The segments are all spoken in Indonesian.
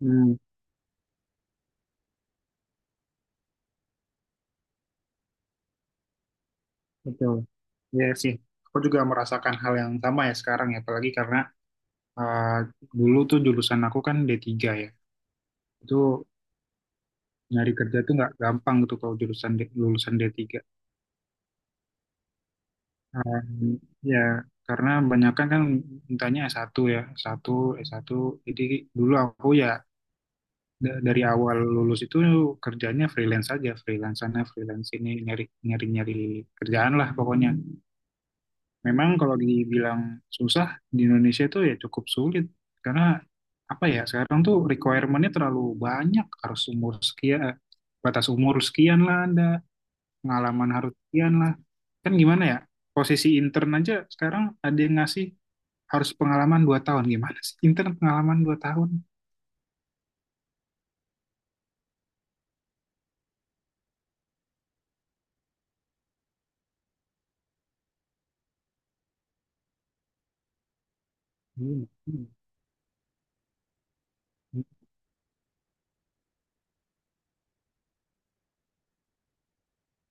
Hmm, betul. Ya sih, aku juga merasakan hal yang sama ya sekarang ya, apalagi karena eh, dulu tuh jurusan aku kan D3 ya. Itu nyari kerja tuh nggak gampang gitu kalau jurusan lulusan D3. Eh, Ya karena banyakan kan mintanya S1 ya, S1, S1. Jadi dulu aku ya dari awal lulus itu kerjanya freelance aja, freelance sana, freelance sini, nyari nyari nyari kerjaan lah pokoknya. Memang kalau dibilang susah di Indonesia itu ya cukup sulit, karena apa ya sekarang tuh requirement-nya terlalu banyak, harus umur sekian batas umur sekian lah, ada pengalaman harus sekian lah. Kan gimana ya, posisi intern aja sekarang ada yang ngasih harus pengalaman 2 tahun. Gimana sih intern pengalaman 2 tahun? Hmm, hmm, hmm.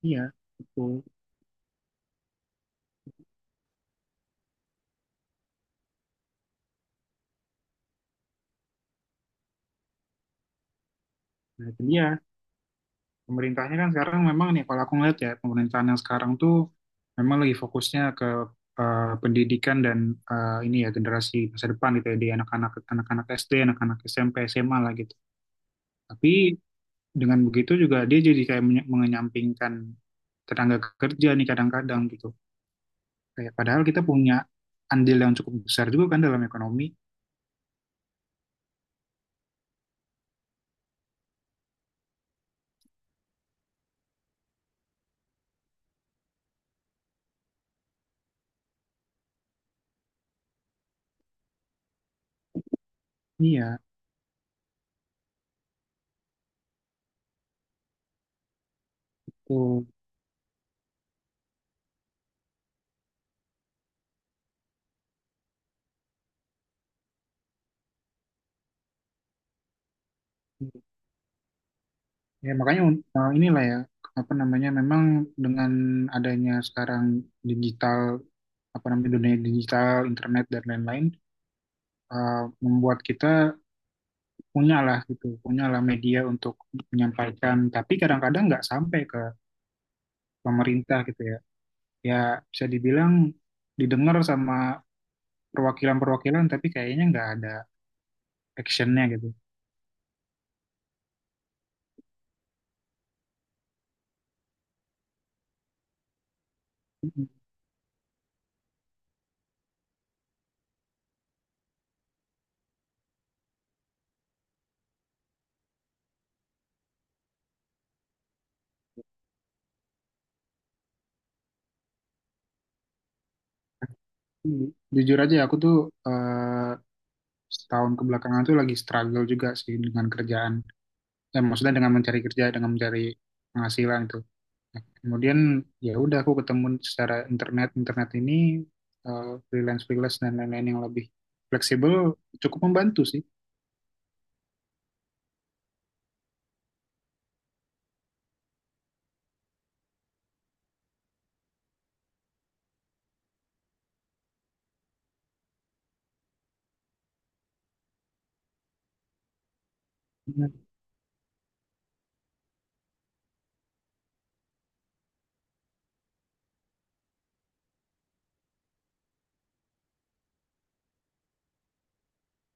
Iya betul. Nah itu dia, pemerintahnya kan sekarang memang nih, kalau aku ngeliat ya pemerintahan yang sekarang tuh memang lagi fokusnya ke pendidikan dan ini ya generasi masa depan gitu ya, di anak-anak SD, anak-anak SMP, SMA lah gitu. Tapi dengan begitu juga dia jadi kayak mengenyampingkan tenaga kerja nih kadang-kadang gitu. Kayak padahal kita punya andil yang cukup besar juga kan dalam ekonomi. Iya, tuh. Ya, makanya inilah ya, apa namanya, memang dengan adanya sekarang digital, apa namanya, dunia digital, internet, dan lain-lain, uh, membuat kita punyalah gitu, punyalah media untuk menyampaikan, tapi kadang-kadang nggak sampai ke pemerintah gitu ya. Ya, bisa dibilang didengar sama perwakilan-perwakilan, tapi kayaknya nggak ada actionnya gitu. Mm-hmm. Jujur aja, aku tuh eh, setahun kebelakangan tuh lagi struggle juga sih dengan kerjaan, maksudnya dengan mencari kerja, dengan mencari penghasilan itu. Nah, kemudian ya udah aku ketemu secara internet internet ini, freelance freelance dan lain-lain yang lebih fleksibel, cukup membantu sih.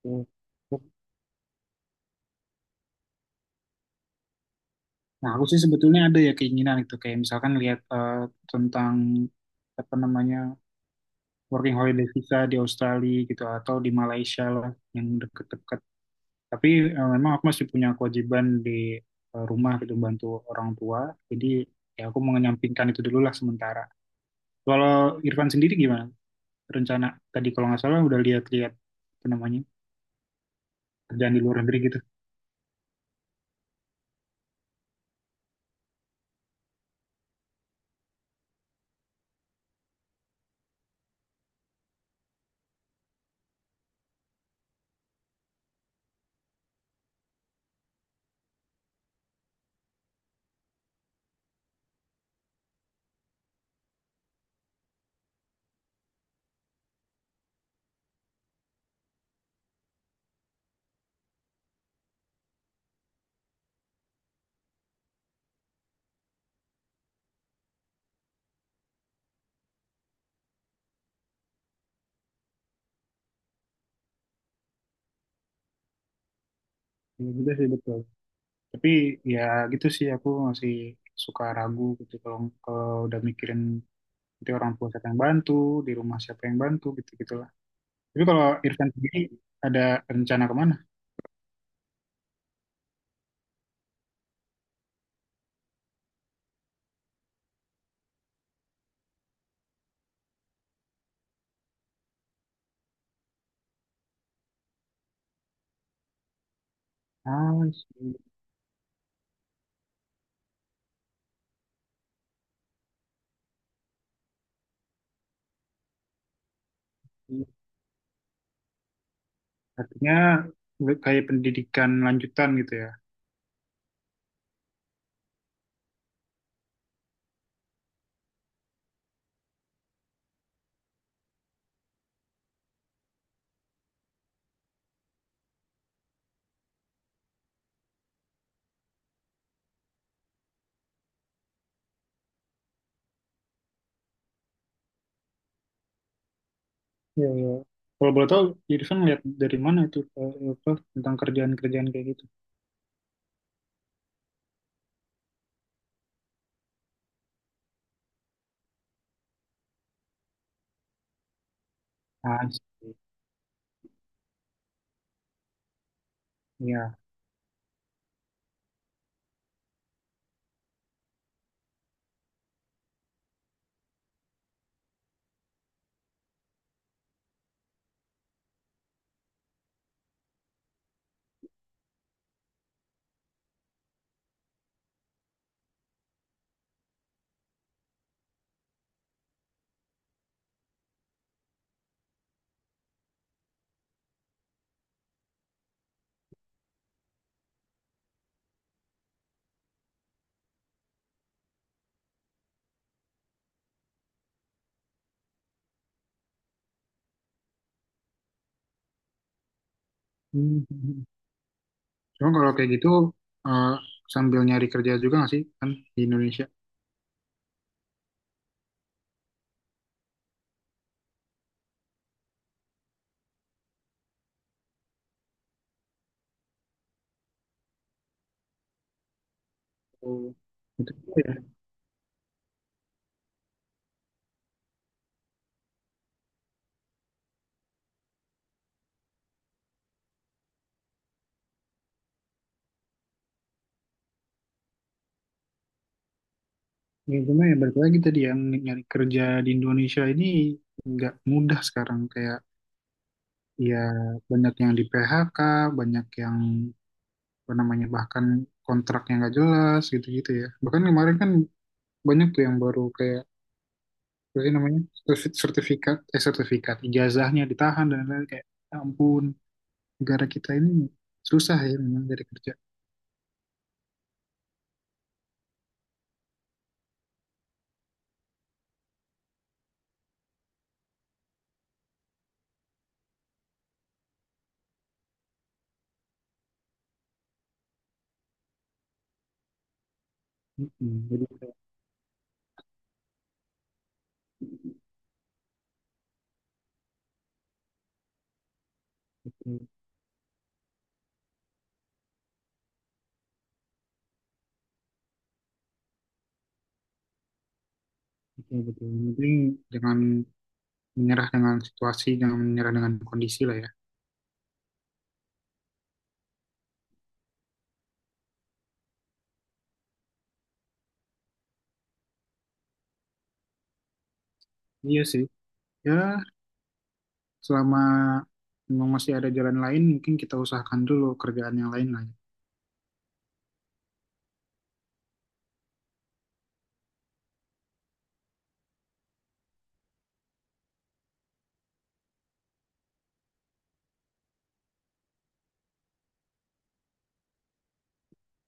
Gitu. Nah, aku sih sebetulnya ada ya keinginan itu, kayak misalkan lihat tentang apa namanya working holiday visa di Australia gitu, atau di Malaysia lah yang deket-deket. Tapi memang aku masih punya kewajiban di rumah gitu, bantu orang tua. Jadi ya aku mengenyampingkan itu dulu lah sementara. Kalau Irfan sendiri gimana? Rencana tadi kalau nggak salah udah lihat-lihat apa namanya kerjaan di luar negeri gitu. Ya, gitu sih betul. Tapi ya gitu sih aku masih suka ragu gitu, kalau kalau udah mikirin nanti orang tua siapa yang bantu, di rumah siapa yang bantu, gitu gitulah. Tapi kalau Irfan sendiri ada rencana kemana? Ah, I see. Artinya kayak pendidikan lanjutan gitu ya. Iya, iya. Kalau boleh tahu, Irfan lihat dari mana itu apa, tentang kerjaan-kerjaan kayak gitu? Ah, sih, iya. Hmm. Cuma kalau kayak gitu eh, sambil nyari kerja juga nggak sih kan di Indonesia? Hmm. Itu juga ya. Ya, cuma ya balik lagi tadi yang nyari kerja di Indonesia ini nggak mudah sekarang, kayak ya banyak yang di PHK, banyak yang apa namanya bahkan kontraknya nggak jelas gitu-gitu ya. Bahkan kemarin kan banyak tuh yang baru kayak apa sih namanya, sertifikat ijazahnya ditahan dan lain-lain, kayak "Ya ampun, negara kita ini susah ya memang dari kerja." Mm-mm. Jadi kayak, kayak, betul betul. Yang penting, jangan menyerah dengan situasi, jangan menyerah dengan kondisi lah ya. Iya sih, ya selama memang masih ada jalan lain mungkin kita usahakan dulu kerjaan yang lain lah ya.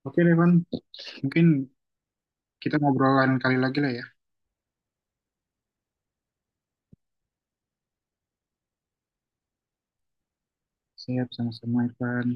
Oke Devan, mungkin kita ngobrolan kali lagi lah ya. Siap, sama-sama Irfan.